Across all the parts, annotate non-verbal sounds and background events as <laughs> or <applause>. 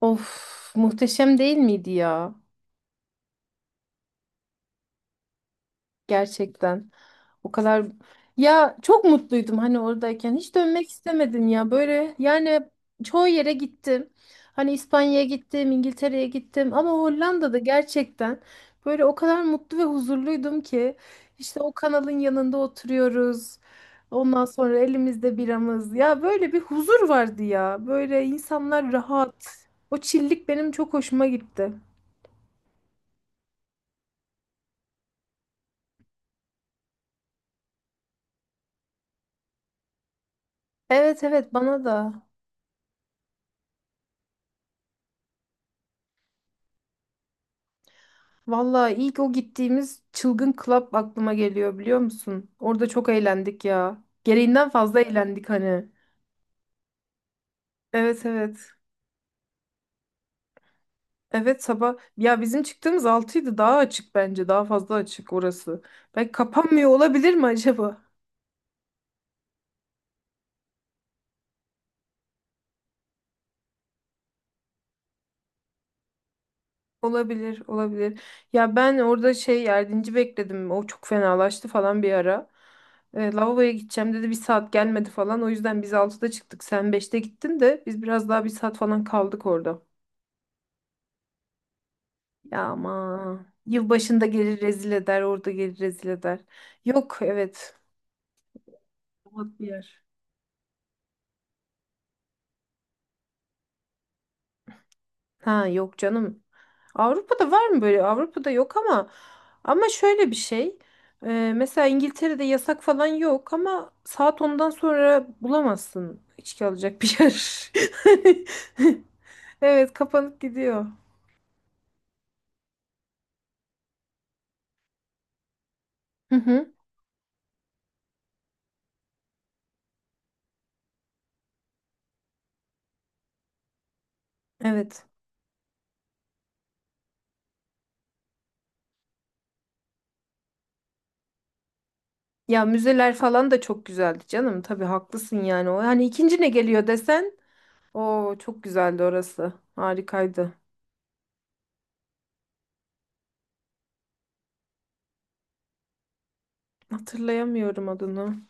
Of, muhteşem değil miydi ya? Gerçekten. O kadar ya çok mutluydum hani oradayken. Hiç dönmek istemedim ya. Böyle yani çoğu yere gittim. Hani İspanya'ya gittim, İngiltere'ye gittim ama Hollanda'da gerçekten böyle o kadar mutlu ve huzurluydum ki işte o kanalın yanında oturuyoruz. Ondan sonra elimizde biramız. Ya böyle bir huzur vardı ya. Böyle insanlar rahat. O çillik benim çok hoşuma gitti. Evet evet, bana da. Vallahi ilk o gittiğimiz çılgın club aklıma geliyor, biliyor musun? Orada çok eğlendik ya. Gereğinden fazla eğlendik hani. Evet evet. Evet sabah. Ya bizim çıktığımız altıydı, daha açık bence. Daha fazla açık orası. Belki kapanmıyor olabilir mi acaba? Olabilir, olabilir. Ya ben orada şey yardımcı bekledim. O çok fenalaştı falan bir ara. Lavaboya gideceğim dedi. Bir saat gelmedi falan. O yüzden biz altıda çıktık. Sen beşte gittin de biz biraz daha bir saat falan kaldık orada. Ya ama yılbaşında gelir rezil eder, orada gelir rezil eder. Yok, evet. Rahat bir yer. Ha yok canım. Avrupa'da var mı böyle? Avrupa'da yok ama ama şöyle bir şey. Mesela İngiltere'de yasak falan yok ama saat ondan sonra bulamazsın içki alacak bir yer. <laughs> Evet, kapanıp gidiyor. Hı hı. Evet. Ya müzeler falan da çok güzeldi canım. Tabii haklısın yani. O hani ikinci ne geliyor desen, o çok güzeldi orası. Harikaydı. Hatırlayamıyorum adını.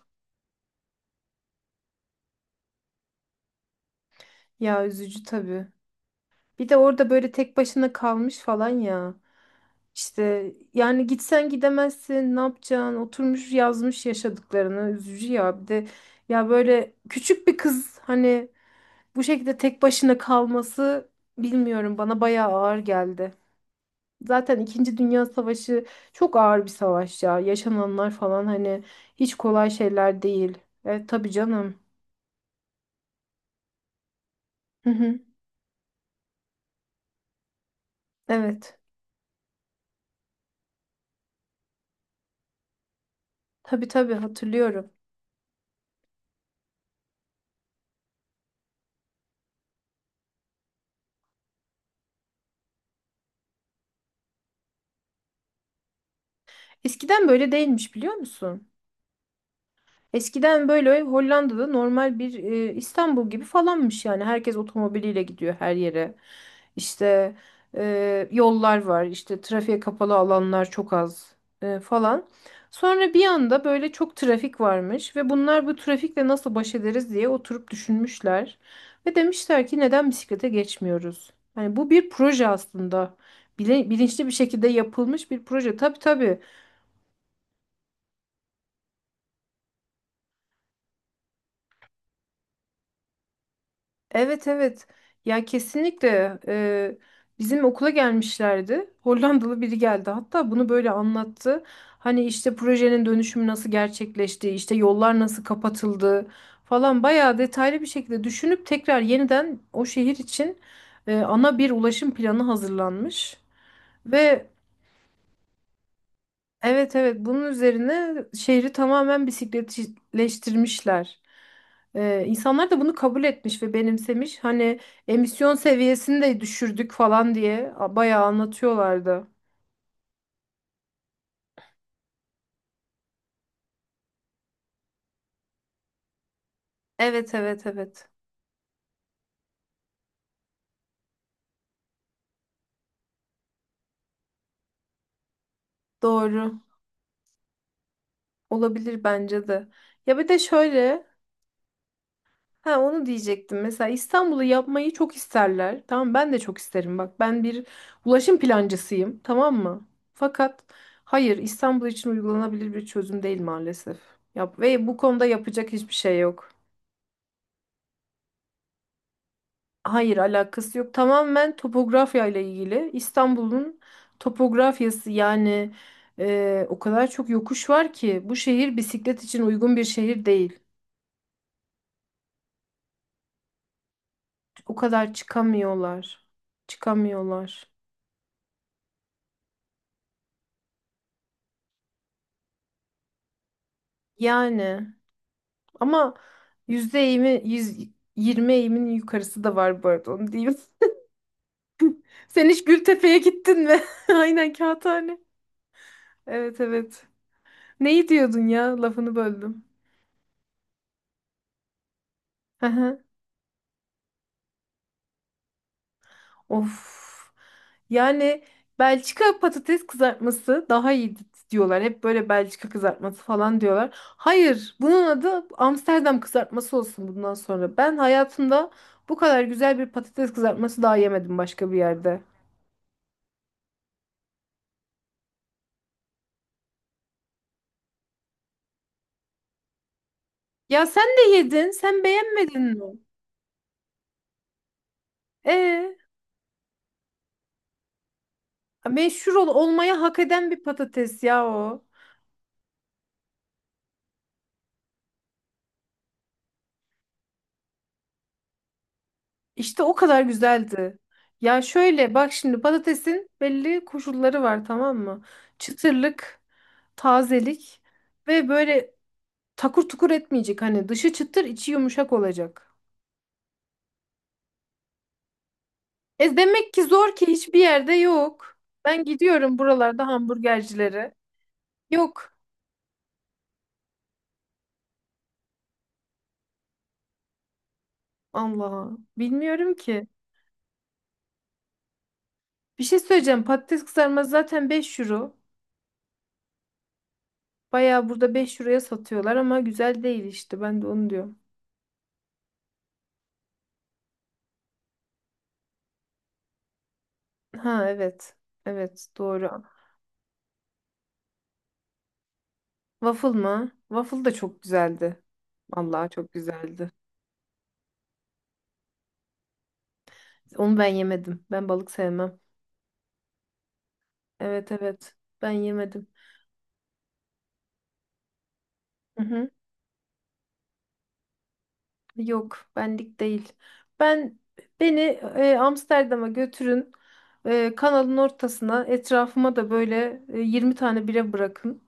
Ya üzücü tabii. Bir de orada böyle tek başına kalmış falan ya. İşte yani gitsen gidemezsin, ne yapacaksın? Oturmuş yazmış yaşadıklarını. Üzücü ya. Bir de ya böyle küçük bir kız hani bu şekilde tek başına kalması, bilmiyorum, bana bayağı ağır geldi. Zaten İkinci Dünya Savaşı çok ağır bir savaş ya. Yaşananlar falan hani hiç kolay şeyler değil. Evet tabii canım. Hı hı. Evet. Tabii tabii hatırlıyorum. Eskiden böyle değilmiş, biliyor musun? Eskiden böyle Hollanda'da normal bir İstanbul gibi falanmış yani. Herkes otomobiliyle gidiyor her yere. İşte yollar var, işte trafiğe kapalı alanlar çok az falan. Sonra bir anda böyle çok trafik varmış ve bunlar bu trafikle nasıl baş ederiz diye oturup düşünmüşler. Ve demişler ki neden bisiklete geçmiyoruz? Hani bu bir proje aslında. Bilinçli bir şekilde yapılmış bir proje. Tabii tabii. Evet evet. Ya kesinlikle, bizim okula gelmişlerdi. Hollandalı biri geldi. Hatta bunu böyle anlattı. Hani işte projenin dönüşümü nasıl gerçekleşti, işte yollar nasıl kapatıldı falan, bayağı detaylı bir şekilde düşünüp tekrar yeniden o şehir için ana bir ulaşım planı hazırlanmış ve evet evet, bunun üzerine şehri tamamen bisikletleştirmişler. İnsanlar da bunu kabul etmiş ve benimsemiş. Hani emisyon seviyesini de düşürdük falan diye bayağı anlatıyorlardı. Evet evet evet, doğru olabilir bence de. Ya bir de şöyle. Ha, onu diyecektim. Mesela İstanbul'u yapmayı çok isterler. Tamam, ben de çok isterim. Bak, ben bir ulaşım plancısıyım. Tamam mı? Fakat hayır, İstanbul için uygulanabilir bir çözüm değil maalesef. Yap ve bu konuda yapacak hiçbir şey yok. Hayır, alakası yok. Tamamen topografya ile ilgili. İstanbul'un topografyası yani o kadar çok yokuş var ki bu şehir bisiklet için uygun bir şehir değil. O kadar çıkamıyorlar. Çıkamıyorlar. Yani. Ama yüzde yirmi, yüz yirmi eğimin yukarısı da var bu arada, onu diyeyim. <laughs> Sen hiç Gültepe'ye gittin mi? <laughs> Aynen kağıthane. Evet evet. Neyi diyordun ya? Lafını böldüm. Hı hı. Of. Yani Belçika patates kızartması daha iyi diyorlar. Hep böyle Belçika kızartması falan diyorlar. Hayır, bunun adı Amsterdam kızartması olsun bundan sonra. Ben hayatımda bu kadar güzel bir patates kızartması daha yemedim başka bir yerde. Ya sen de yedin. Sen beğenmedin mi? E, meşhur olmaya hak eden bir patates ya o. İşte o kadar güzeldi. Ya şöyle bak şimdi, patatesin belli koşulları var, tamam mı? Çıtırlık, tazelik ve böyle takur tukur etmeyecek. Hani dışı çıtır, içi yumuşak olacak. E demek ki zor ki hiçbir yerde yok. Ben gidiyorum buralarda hamburgercilere. Yok. Allah. Bilmiyorum ki. Bir şey söyleyeceğim. Patates kızarması zaten 5 euro. Bayağı, burada 5 euroya satıyorlar ama güzel değil işte. Ben de onu diyorum. Ha evet. Evet doğru. Waffle mı? Waffle da çok güzeldi. Vallahi çok güzeldi. Onu ben yemedim. Ben balık sevmem. Evet evet. Ben yemedim. Hı hı. Yok, benlik değil. Ben beni Amsterdam'a götürün. Kanalın ortasına, etrafıma da böyle 20 tane bira bırakın.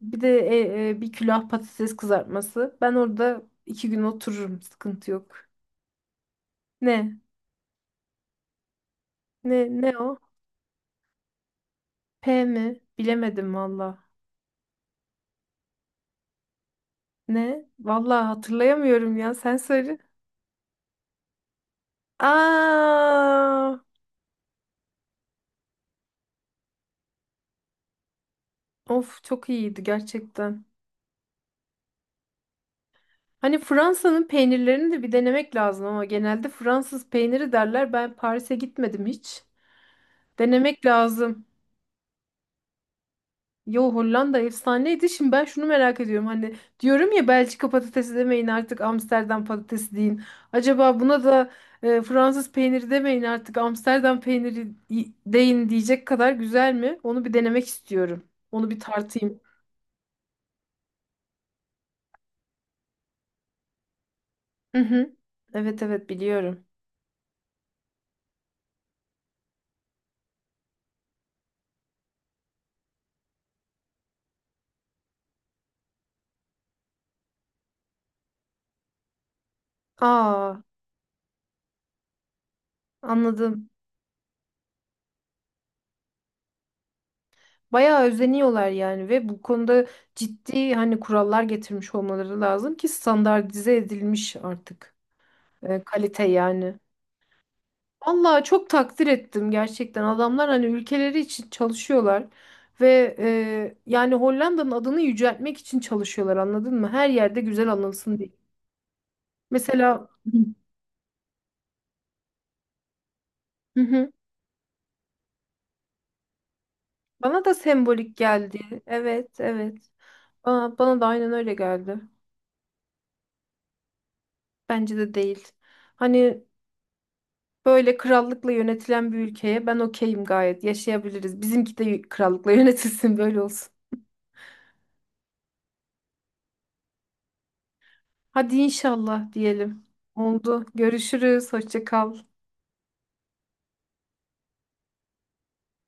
Bir de bir külah patates kızartması. Ben orada iki gün otururum. Sıkıntı yok. Ne? Ne? Ne o? P mi? Bilemedim valla. Ne? Valla hatırlayamıyorum ya. Sen söyle. Aa! Of, çok iyiydi gerçekten. Hani Fransa'nın peynirlerini de bir denemek lazım ama genelde Fransız peyniri derler. Ben Paris'e gitmedim hiç. Denemek lazım. Yo, Hollanda efsaneydi. Şimdi ben şunu merak ediyorum. Hani diyorum ya, Belçika patatesi demeyin artık, Amsterdam patatesi deyin. Acaba buna da Fransız peyniri demeyin artık, Amsterdam peyniri deyin diyecek kadar güzel mi? Onu bir denemek istiyorum. Onu bir tartayım. Hı hı. Evet evet biliyorum. Aa, anladım. Bayağı özeniyorlar yani ve bu konuda ciddi, hani, kurallar getirmiş olmaları lazım ki standartize edilmiş artık kalite yani. Vallahi çok takdir ettim gerçekten. Adamlar hani ülkeleri için çalışıyorlar ve yani Hollanda'nın adını yüceltmek için çalışıyorlar, anladın mı? Her yerde güzel anılsın diye. Mesela, hı hı, bana da sembolik geldi. Evet, evet. Bana da aynen öyle geldi. Bence de değil. Hani böyle krallıkla yönetilen bir ülkeye ben okeyim gayet. Yaşayabiliriz. Bizimki de krallıkla <laughs> yönetilsin böyle olsun. Hadi inşallah diyelim. Oldu. Görüşürüz. Hoşça kal.